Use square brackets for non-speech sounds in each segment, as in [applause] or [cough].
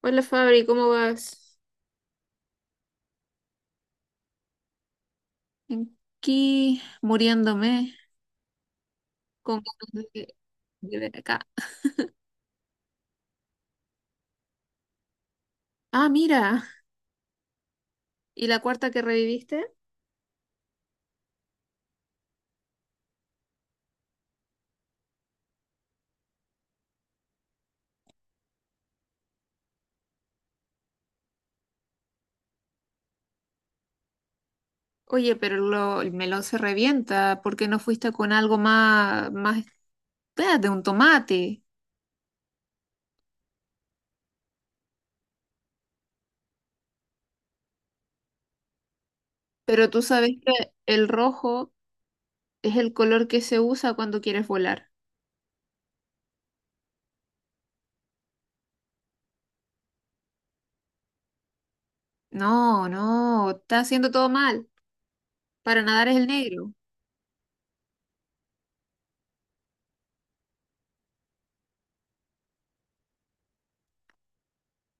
Hola Fabri, ¿cómo vas? Aquí muriéndome con ganas de ver acá. Ah, mira, ¿y la cuarta que reviviste? Oye, pero el melón se revienta. ¿Por qué no fuiste con algo más, de un tomate? Pero tú sabes que el rojo es el color que se usa cuando quieres volar. No, no, está haciendo todo mal. Para nadar es el negro.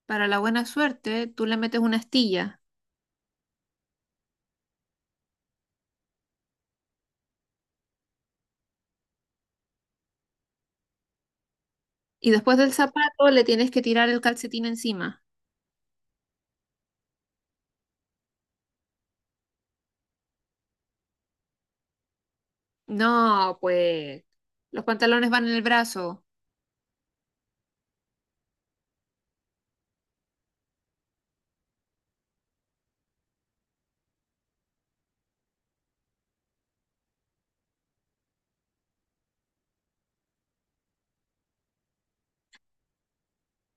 Para la buena suerte, tú le metes una astilla. Y después del zapato le tienes que tirar el calcetín encima. No, pues los pantalones van en el brazo.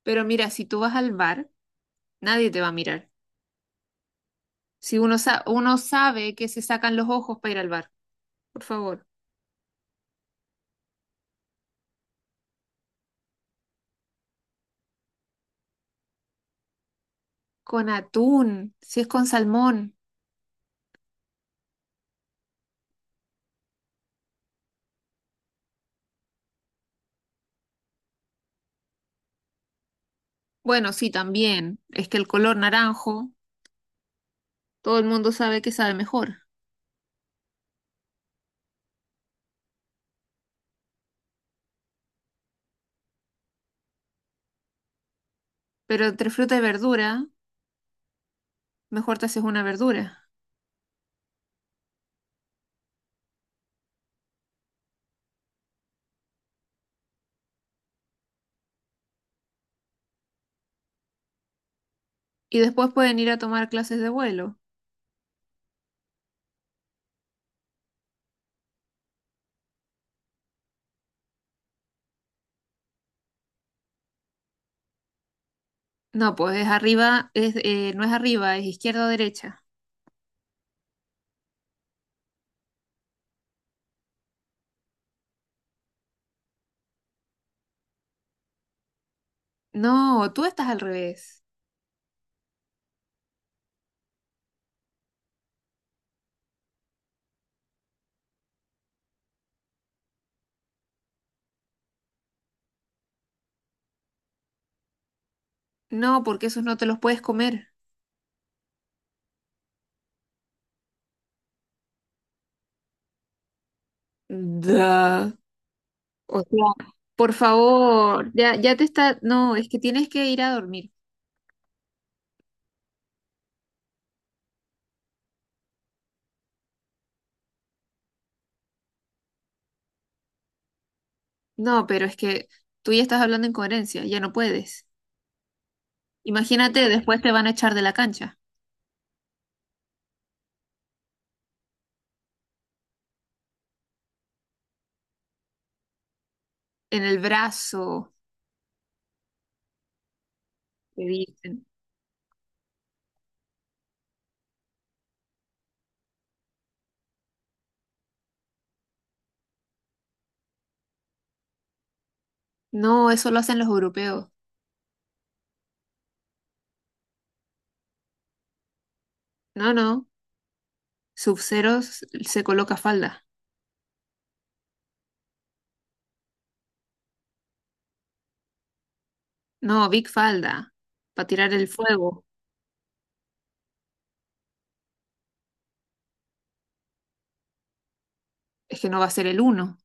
Pero mira, si tú vas al bar, nadie te va a mirar. Si uno, uno sabe que se sacan los ojos para ir al bar, por favor. Con atún, si es con salmón. Bueno, sí, también. Es que el color naranjo, todo el mundo sabe que sabe mejor. Pero entre fruta y verdura, mejor te haces una verdura. Y después pueden ir a tomar clases de vuelo. No, pues es arriba, es, no es arriba, es izquierda o derecha. No, tú estás al revés. No, porque esos no te los puedes comer. Da. O sea, por favor, ya, ya te está. No, es que tienes que ir a dormir. No, pero es que tú ya estás hablando en coherencia, ya no puedes. Imagínate, después te van a echar de la cancha. En el brazo, te dicen. No, eso lo hacen los europeos. No, no. Sub-Zero se coloca falda. No, big falda. Para tirar el fuego. Es que no va a ser el uno.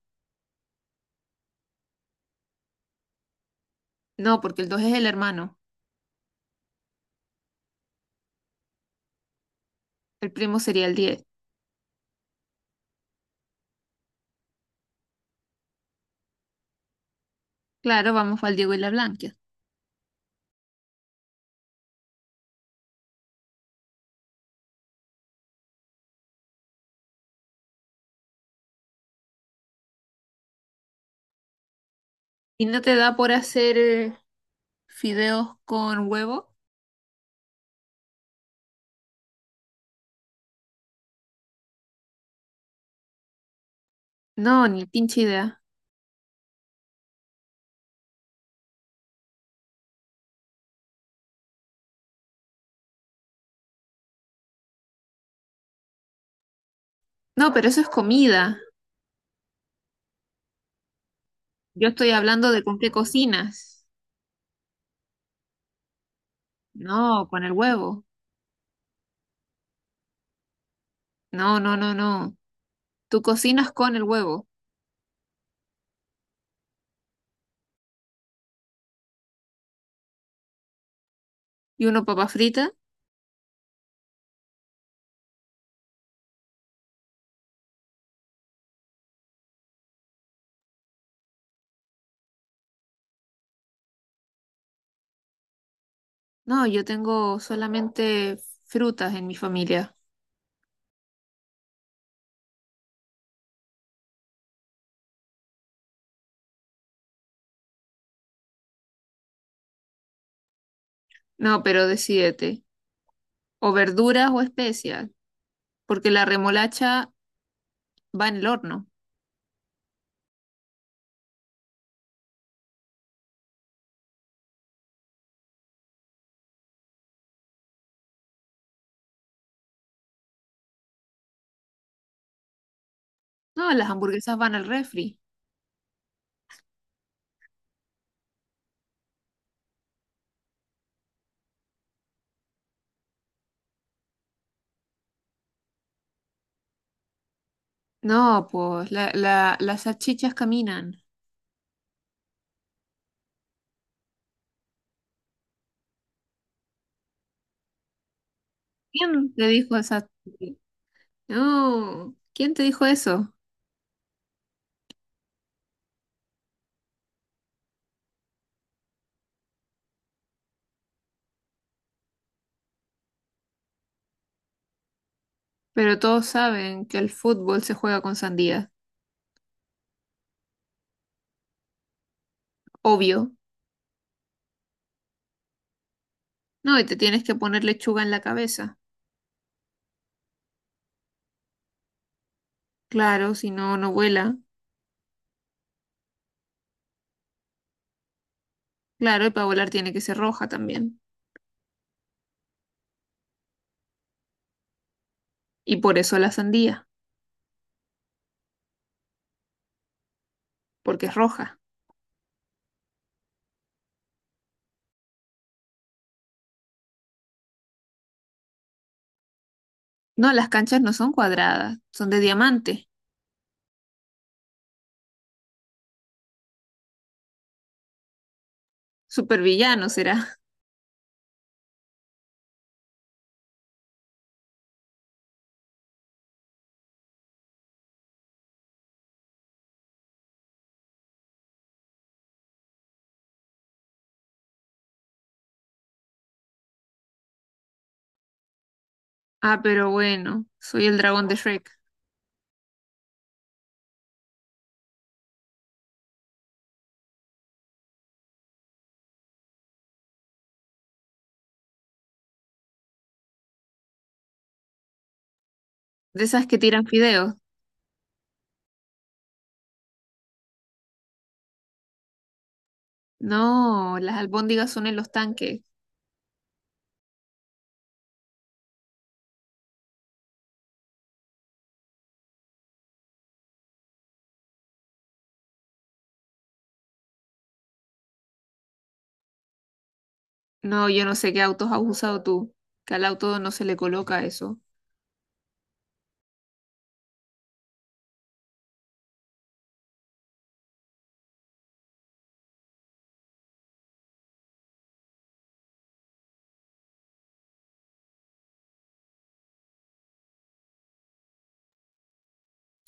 No, porque el dos es el hermano. El primo sería el 10. Claro, vamos al Diego y la Blanca. ¿Y no te da por hacer fideos con huevo? No, ni pinche idea. No, pero eso es comida. Yo estoy hablando de con qué cocinas. No, con el huevo. No, no, no, no. Tú cocinas con el huevo. ¿Y uno papa frita? No, yo tengo solamente frutas en mi familia. No, pero decídete. O verduras o especias, porque la remolacha va en el horno. No, las hamburguesas van al refri. No, pues las salchichas caminan. ¿Quién te dijo esa? No, ¿quién te dijo eso? Pero todos saben que el fútbol se juega con sandía. Obvio. No, y te tienes que poner lechuga en la cabeza. Claro, si no, no vuela. Claro, y para volar tiene que ser roja también. Y por eso la sandía, porque es roja. No, las canchas no son cuadradas, son de diamante. Supervillano será. [laughs] Ah, pero bueno, soy el dragón de Shrek. De esas que tiran fideos. No, las albóndigas son en los tanques. No, yo no sé qué autos has usado tú, que al auto no se le coloca eso.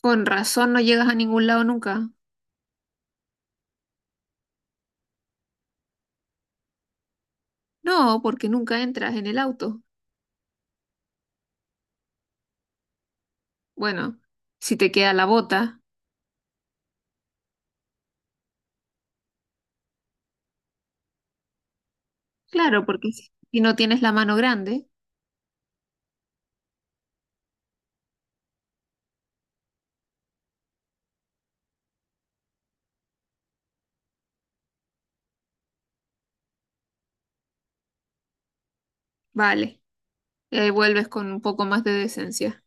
Con razón no llegas a ningún lado nunca. No, porque nunca entras en el auto. Bueno, si te queda la bota, claro, porque si no tienes la mano grande, vale, vuelves con un poco más de decencia.